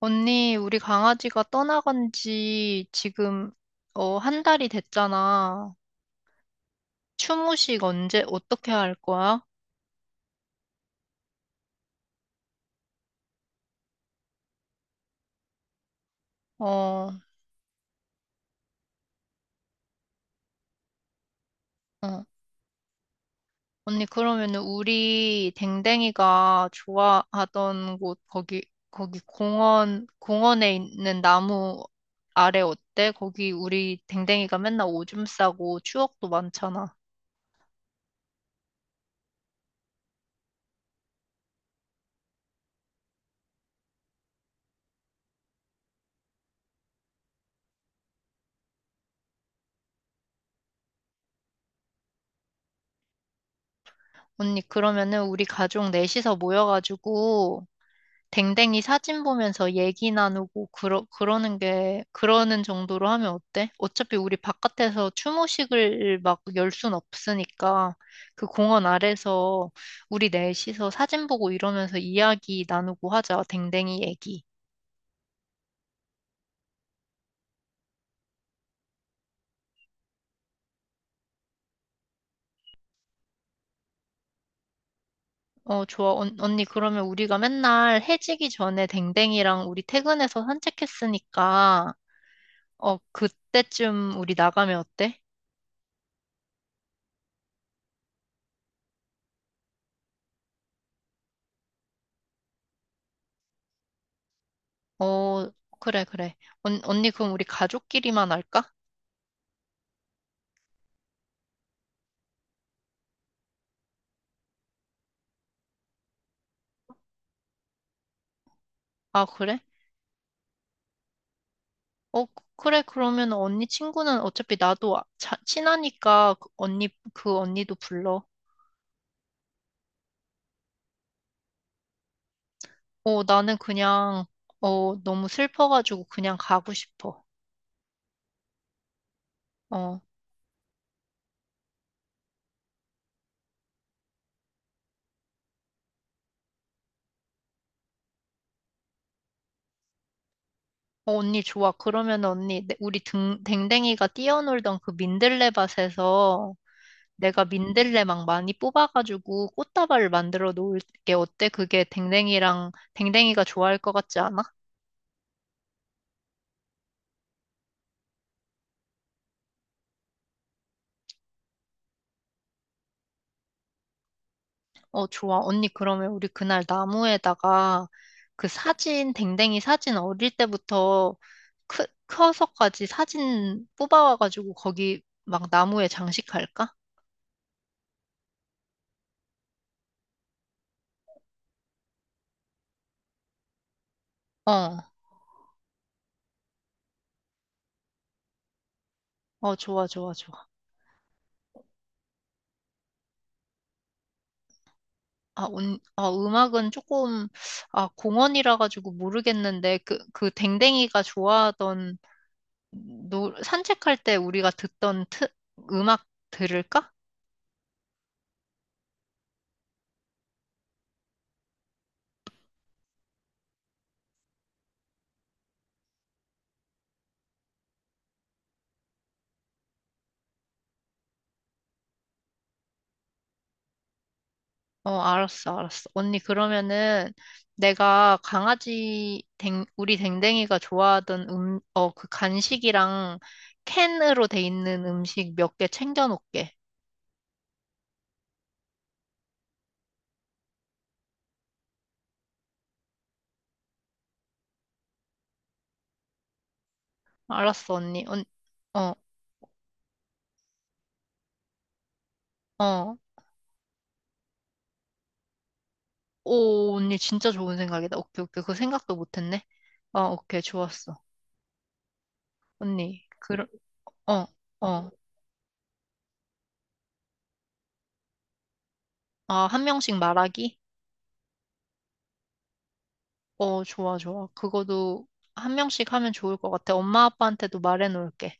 언니, 우리 강아지가 떠나간 지 지금, 한 달이 됐잖아. 추모식 언제, 어떻게 할 거야? 어, 어. 언니, 그러면은 우리 댕댕이가 좋아하던 곳, 거기, 거기 공원, 공원에 있는 나무 아래 어때? 거기 우리 댕댕이가 맨날 오줌 싸고 추억도 많잖아. 언니, 그러면은 우리 가족 넷이서 모여가지고, 댕댕이 사진 보면서 얘기 나누고 그러는 게 그러는 정도로 하면 어때? 어차피 우리 바깥에서 추모식을 막 열 순 없으니까 그 공원 아래서 우리 넷이서 사진 보고 이러면서 이야기 나누고 하자. 댕댕이 얘기. 어, 좋아. 언니 그러면 우리가 맨날 해지기 전에 댕댕이랑 우리 퇴근해서 산책했으니까 어, 그때쯤 우리 나가면 어때? 어, 그래, 그래. 언, 언니 그럼 우리 가족끼리만 할까? 아, 그래? 어, 그- 래 그러면 언니 친구는 어차피 나도 친하니까 그 언니, 그 언니도 불러. 어, 나는 그냥, 어, 너무 슬퍼가지고 그냥 가고 싶어. 어, 어, 언니 좋아. 그러면 언니, 우리 댕댕이가 뛰어놀던 그 민들레 밭에서 내가 민들레 막 많이 뽑아가지고 꽃다발을 만들어 놓을게. 어때? 그게 댕댕이가 좋아할 것 같지 않아? 어, 좋아. 언니, 그러면 우리 그날 나무에다가 댕댕이 사진 어릴 때부터 커서까지 사진 뽑아와가지고 거기 막 나무에 장식할까? 어, 어, 좋아, 좋아, 좋아. 아, 음악은 조금, 아, 공원이라 가지고 모르겠는데, 그 댕댕이가 좋아하던, 산책할 때 우리가 듣던 음악 들을까? 어, 알았어, 알았어. 언니, 그러면은 내가 우리 댕댕이가 좋아하던 그 간식이랑 캔으로 돼 있는 음식 몇 개 챙겨놓을게. 알았어, 언니. 언, 어, 어. 오, 언니 진짜 좋은 생각이다. 오케이, 오케이. 그 생각도 못했네. 어, 오케이, 좋았어. 언니, 그, 어, 어. 아, 한 명씩 말하기? 어, 좋아, 좋아. 그거도 한 명씩 하면 좋을 것 같아. 엄마 아빠한테도 말해놓을게.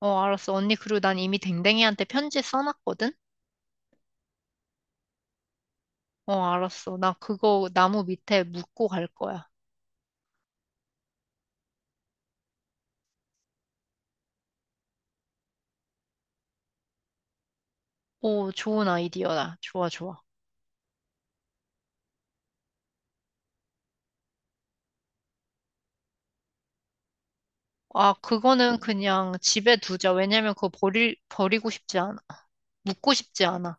어, 알았어. 언니, 그리고 난 이미 댕댕이한테 편지 써놨거든? 어, 알았어. 나 그거 나무 밑에 묶고 갈 거야. 오, 좋은 아이디어다. 좋아, 좋아. 아, 그거는 그냥 집에 두자. 왜냐면 버리고 싶지 않아. 묻고 싶지 않아.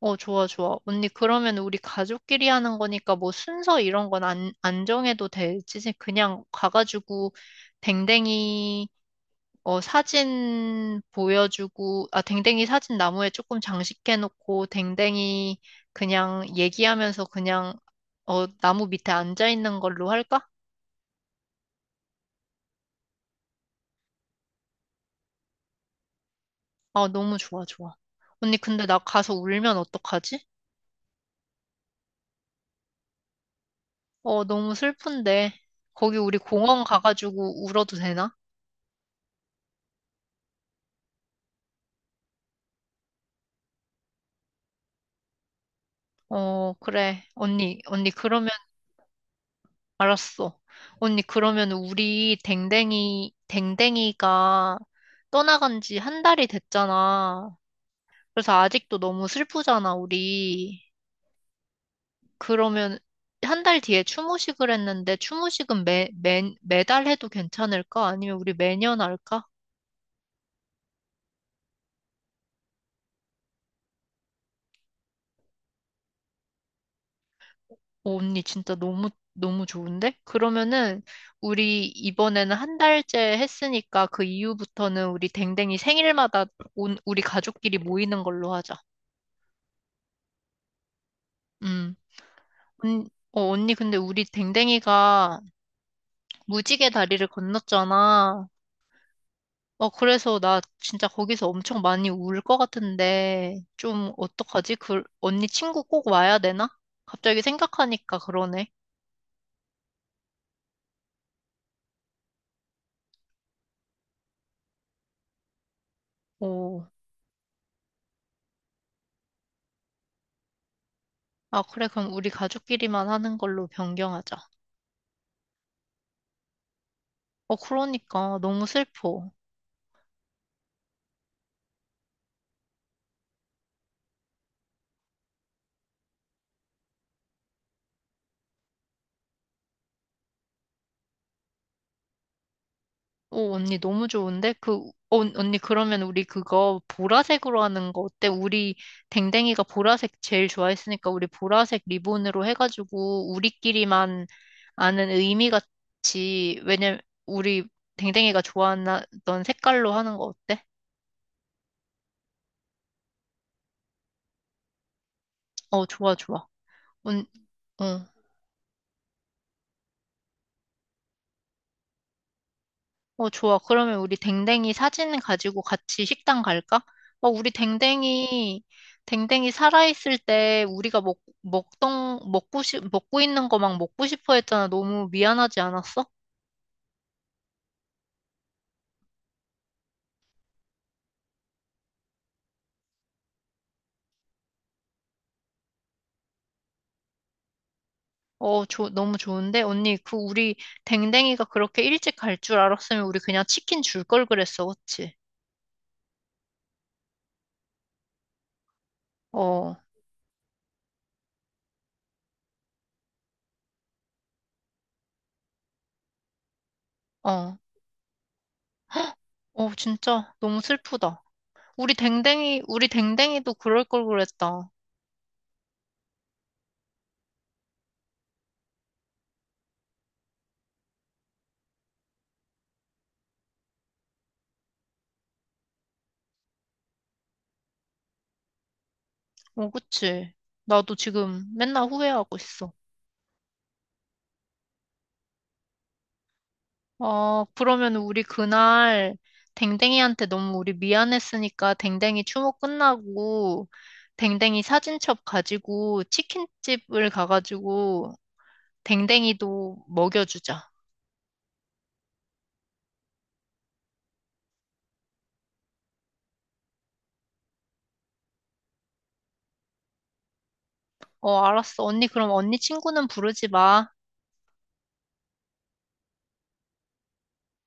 어, 좋아, 좋아. 언니, 그러면 우리 가족끼리 하는 거니까 뭐 순서 이런 건 안 정해도 되지. 그냥 가가지고 댕댕이 사진 보여주고, 아, 댕댕이 사진 나무에 조금 장식해놓고, 댕댕이 그냥 얘기하면서 그냥, 어, 나무 밑에 앉아있는 걸로 할까? 아, 너무 좋아, 좋아. 언니, 근데 나 가서 울면 어떡하지? 어, 너무 슬픈데. 거기 우리 공원 가가지고 울어도 되나? 어, 그래. 언니, 언니, 그러면, 알았어. 언니, 그러면 우리 댕댕이가 떠나간 지 한 달이 됐잖아. 그래서 아직도 너무 슬프잖아, 우리. 그러면 한 달 뒤에 추모식을 했는데 추모식은 매달 해도 괜찮을까? 아니면 우리 매년 할까? 오, 언니 진짜 너무 너무 좋은데? 그러면은 우리 이번에는 한 달째 했으니까 그 이후부터는 우리 댕댕이 생일마다 우리 가족끼리 모이는 걸로 하자. 음. 언니 근데 우리 댕댕이가 무지개 다리를 건넜잖아. 어, 그래서 나 진짜 거기서 엄청 많이 울 것 같은데, 좀 어떡하지? 그, 언니 친구 꼭 와야 되나? 갑자기 생각하니까 그러네. 오. 아, 그래, 그럼 우리 가족끼리만 하는 걸로 변경하자. 어, 그러니까 너무 슬퍼. 오, 언니 너무 좋은데? 그, 어, 언니 그러면 우리 그거 보라색으로 하는 거 어때? 우리 댕댕이가 보라색 제일 좋아했으니까 우리 보라색 리본으로 해가지고 우리끼리만 아는 의미 같이, 왜냐면 우리 댕댕이가 좋아하던 색깔로 하는 거 어때? 어, 좋아, 좋아. 언, 어. 어, 좋아. 그러면 우리 댕댕이 사진 가지고 같이 식당 갈까? 어, 우리 댕댕이, 댕댕이 살아있을 때 우리가 먹, 먹던, 먹고 싶, 먹고 있는 거 막 먹고 싶어 했잖아. 너무 미안하지 않았어? 어, 너무 좋은데? 언니, 그 우리 댕댕이가 그렇게 일찍 갈 줄 알았으면 우리 그냥 치킨 줄 걸 그랬어. 그치? 어, 어, 어, 진짜 너무 슬프다. 우리 댕댕이, 우리 댕댕이도 그럴 걸 그랬다. 어, 그치? 나도 지금 맨날 후회하고 있어. 어, 그러면 우리 그날 댕댕이한테 너무 우리 미안했으니까 댕댕이 추모 끝나고 댕댕이 사진첩 가지고 치킨집을 가가지고 댕댕이도 먹여주자. 어, 알았어. 언니, 그럼 언니 친구는 부르지 마.